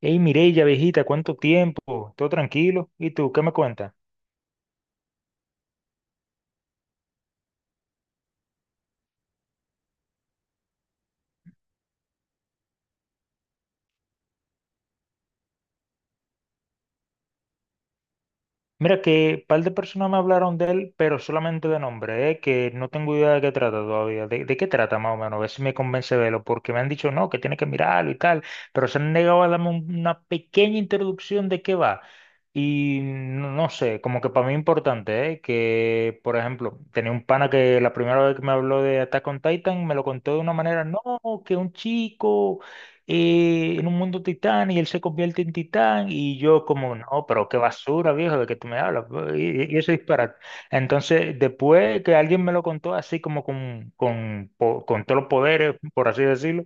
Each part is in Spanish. Hey, Mireya, viejita, ¿cuánto tiempo? ¿Todo tranquilo? ¿Y tú qué me cuentas? Mira que un par de personas me hablaron de él, pero solamente de nombre, ¿eh? Que no tengo idea de qué trata todavía. ¿De qué trata más o menos? A ver si me convence de verlo, porque me han dicho no, que tiene que mirarlo y tal, pero se han negado a darme una pequeña introducción de qué va. Y no, no sé, como que para mí es importante, ¿eh? Que, por ejemplo, tenía un pana que la primera vez que me habló de Attack on Titan me lo contó de una manera, no, que un chico y en un mundo titán y él se convierte en titán y yo como, no, pero qué basura, viejo, de que tú me hablas, pues, y eso es disparate. Entonces, después que alguien me lo contó así como con todos los poderes, por así decirlo,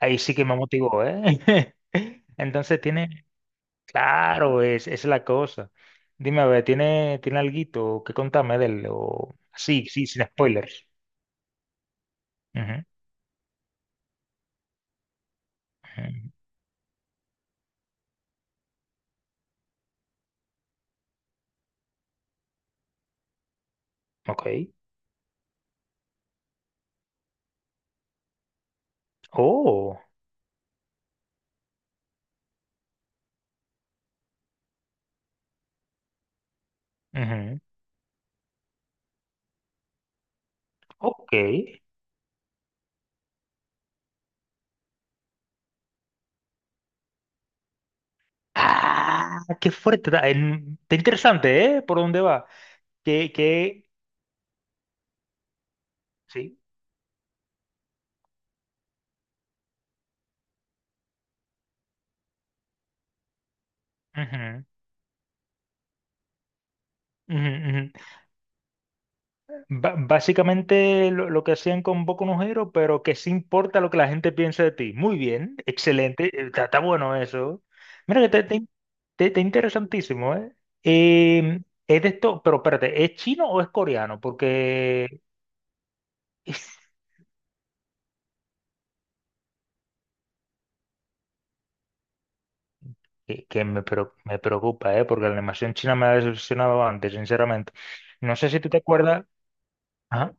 ahí sí que me motivó, ¿eh? Entonces tiene, claro, es la cosa. Dime, a ver, ¿tiene alguito que contarme de él? O sí, sí, sin spoilers. Ujú, ujú. Ok. Oh. Ujú. Ok. Ah, qué fuerte. Está interesante, ¿eh? Por dónde va. Que, sí. Ujú, ujú, ujú. Básicamente lo que hacían con Boku no Hero, pero que sí importa lo que la gente piense de ti. Muy bien, excelente. Está bueno eso. Mira que te interesantísimo, ¿eh? Eh, es de esto, pero espérate, ¿es chino o es coreano? Porque es- me preocupa, ¿eh? Porque la animación china me ha decepcionado antes, sinceramente. No sé si tú te acuerdas. Ah,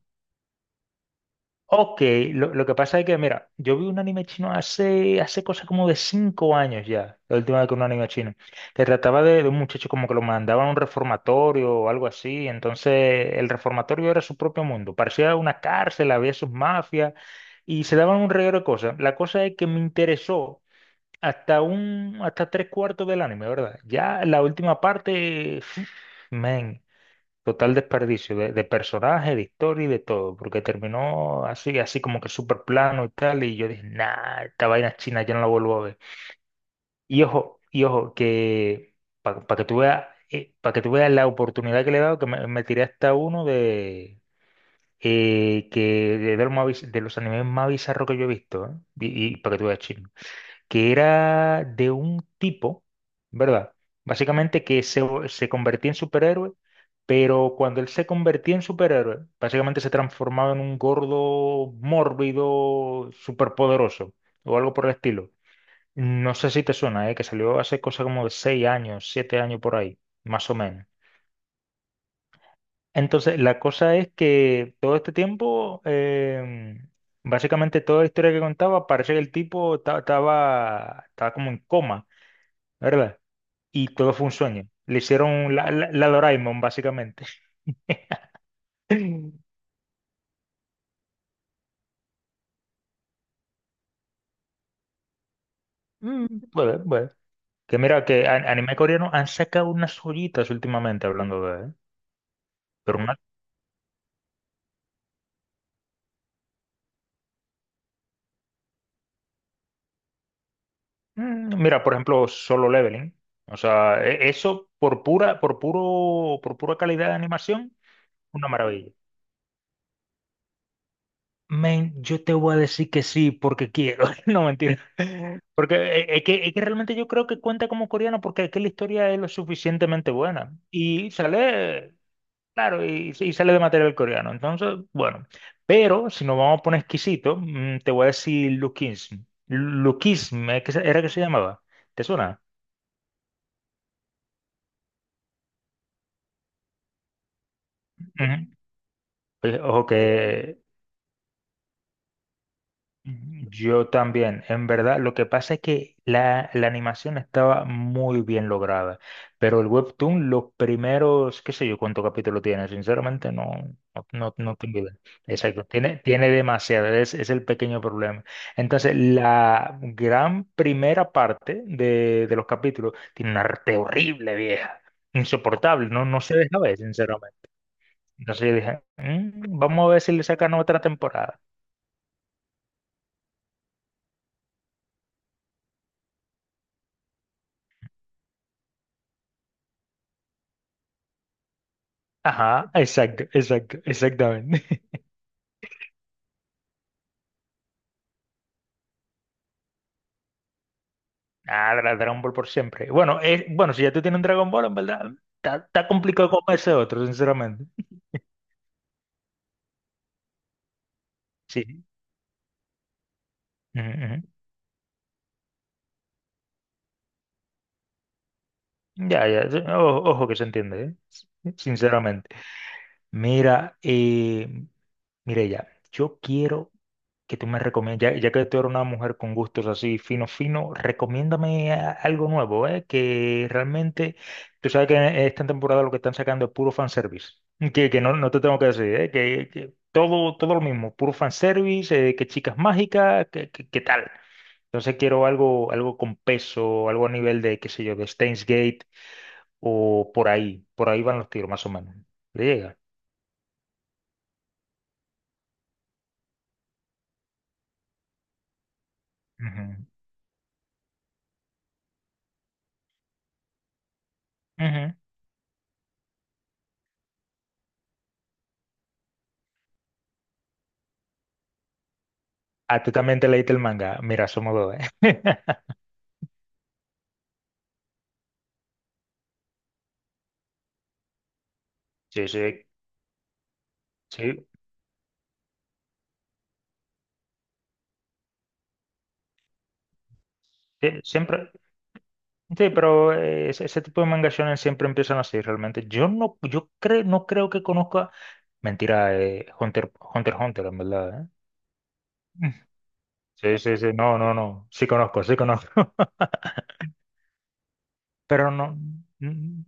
ok, lo que pasa es que, mira, yo vi un anime chino hace cosa como de 5 años ya, la última vez que un anime chino, que trataba de un muchacho como que lo mandaban a un reformatorio o algo así, entonces el reformatorio era su propio mundo, parecía una cárcel, había sus mafias y se daban un reguero de cosas. La cosa es que me interesó hasta hasta tres cuartos del anime, ¿verdad? Ya la última parte, man, total desperdicio de personaje, de historia y de todo, porque terminó así, así como que súper plano y tal, y yo dije, nah, esta vaina china ya no la vuelvo a ver. Y ojo, que para que tú veas, para que tú veas la oportunidad que le he dado, que me tiré hasta uno de que, de los más biz- de los animes más bizarros que yo he visto, ¿eh? Y, para que tú veas chino que era de un tipo, ¿verdad? Básicamente que se convertía en superhéroe, pero cuando él se convertía en superhéroe, básicamente se transformaba en un gordo mórbido superpoderoso o algo por el estilo. No sé si te suena, ¿eh? Que salió hace cosa como de 6 años, 7 años por ahí, más o menos. Entonces, la cosa es que todo este tiempo, básicamente toda la historia que contaba, parece que el tipo estaba como en coma, ¿verdad? Y todo fue un sueño. Le hicieron la, la Doraemon, básicamente. Mm, Bueno, bueno. Que mira, que anime coreano han sacado unas joyitas últimamente hablando de, ¿eh? Pero mira, por ejemplo, Solo Leveling. O sea, eso por pura calidad de animación, una maravilla. Men, yo te voy a decir que sí porque quiero. No, mentira. Porque es que realmente yo creo que cuenta como coreano porque es que la historia es lo suficientemente buena. Y sale Claro, y sale de material coreano. Entonces, bueno, pero si nos vamos a poner exquisito, te voy a decir Lukism. Lukism, ¿eh? ¿Era que se llamaba? ¿Te suena? Ujú. Oye, ojo que yo también, en verdad, lo que pasa es que la animación estaba muy bien lograda, pero el webtoon, los primeros, qué sé yo, cuánto capítulo tiene, sinceramente no tengo idea. Exacto, tiene demasiado, es el pequeño problema. Entonces, la gran primera parte de los capítulos tiene un arte horrible, vieja, insoportable, no se deja ver, sinceramente. Entonces yo dije: Vamos a ver si le sacan otra temporada." Ajá, exacto, exacto, exactamente. Ah, Dragon Ball por siempre. Bueno, bueno, si ya tú tienes un Dragon Ball, en verdad, está complicado como ese otro, sinceramente. Sí. Ujú, ujú. Ya, ya, sí, ojo, que se entiende, ¿eh? Sinceramente. Mira, Mireya, yo quiero que tú me recomiendes, ya que tú eres una mujer con gustos así fino, fino, recomiéndame algo nuevo, ¿eh? Que realmente, tú sabes que en esta temporada lo que están sacando es puro fanservice, que no te tengo que decir, ¿eh? Que todo, todo lo mismo, puro fanservice, que chicas mágicas, que tal. Entonces quiero algo con peso, algo a nivel de, qué sé yo, de Steins Gate o por ahí van los tiros más o menos. ¿Le llega? Ujú. Ujú. Ah, tú también te leíste el manga. Mira, somos dos, ¿eh? Sí, sí, sí. Sí, siempre, sí, pero ese tipo de manga shonen siempre empiezan así, realmente. Yo no, yo creo, no creo que conozca. Mentira, Hunter x Hunter, en verdad, ¿eh? Mm. Sí, sí, sí. No, no, no. Sí conozco, sí conozco. Pero no. Mm,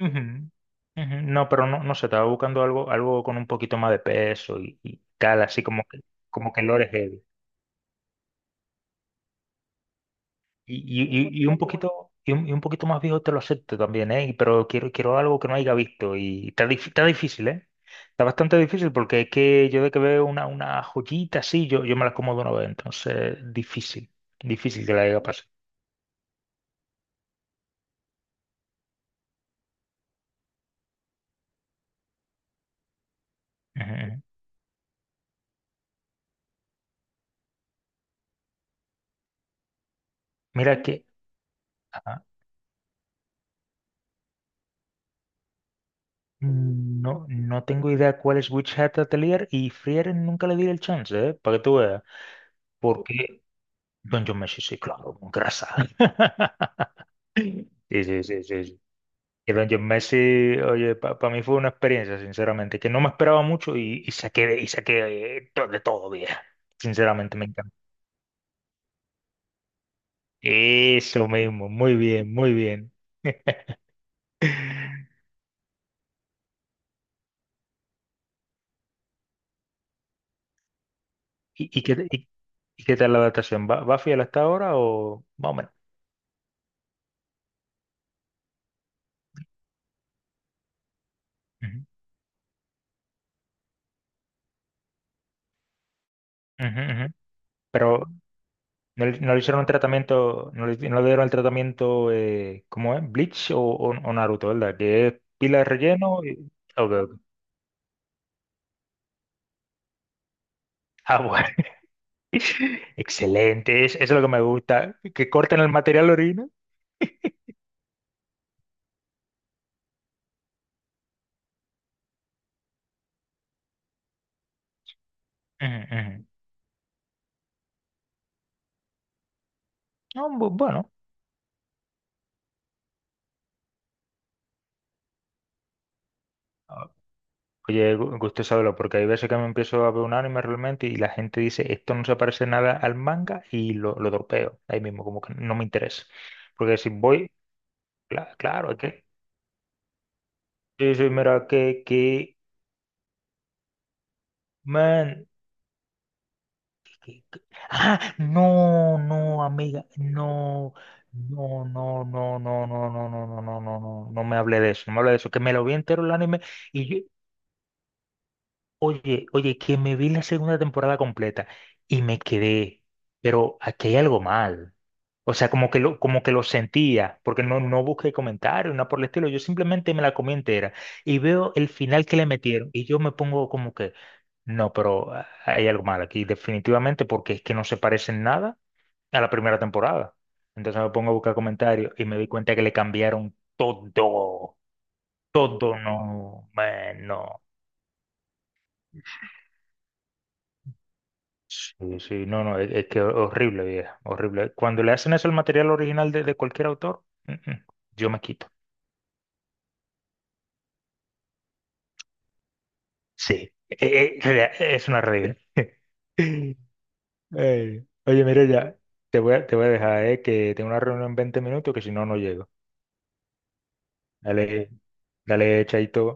ujú, ujú. No, pero no, no sé, estaba buscando algo con un poquito más de peso y tal, así como que lore heavy. Y un poquito más viejo te lo acepto también, ¿eh? Pero quiero, algo que no haya visto. Y está difícil, ¿eh? Está bastante difícil porque es que yo de que veo una joyita así, yo me las como de una vez. Entonces, difícil. Difícil que la haya pasado. Ujú, ujú. Mira, sí, que, ajá, no tengo idea cuál es Witch Hat Atelier y Frieren nunca le di el chance, ¿eh? Para que tú veas. Porque Don John Messi, sí, claro, con grasa. Sí, sí, sí, sí. Que Don John Messi, oye, para mí fue una experiencia, sinceramente, que no me esperaba mucho y y saqué de todo, vieja. Sinceramente, me encanta. Eso mismo, muy bien, muy bien. ¿Y, y qué, y, y qué tal la adaptación? ¿Va fiel hasta ahora o más o menos? Ujú, ujú, ujú. Pero no le hicieron el tratamiento, no le dieron el tratamiento, ¿cómo es? Bleach o, o Naruto, ¿verdad? Que es pila de relleno. Ok, ok. Ah, bueno. Excelente, eso es lo que me gusta, que corten el material orina. Ujú, ujú. No, bueno, ah, oye, gusto saberlo, porque hay veces que me empiezo a ver un anime realmente y la gente dice, esto no se parece nada al manga y lo dropeo ahí mismo, como que no me interesa. Porque si voy, claro, es que, sí, sí, mira, que, man, ¿Qué? Ah, no, no, amiga, no, no, no, no, no, no, no, no, no, no, no, no, no me hable de eso, no me hable de eso, que me lo vi entero el anime y yo, Oye, oye, que me vi la segunda temporada completa y me quedé, pero aquí hay algo mal. O sea, como que lo sentía, porque no busqué comentarios, nada por el estilo, yo simplemente me la comí entera y veo el final que le metieron y yo me pongo como que, no, pero ah, hay algo mal aquí, definitivamente, porque es que no se parece en nada a la primera temporada. Entonces me pongo a buscar comentarios y me di cuenta que le cambiaron todo, todo, no, man, no. Sí, sí, no, no, es que horrible, vieja, horrible. Cuando le hacen eso al material original de cualquier autor, yo me quito. Sí, es una regla. Ey, oye, mira ya, te voy a dejar, que tengo una reunión en 20 minutos que si no, no llego. Dale, dale, chaito.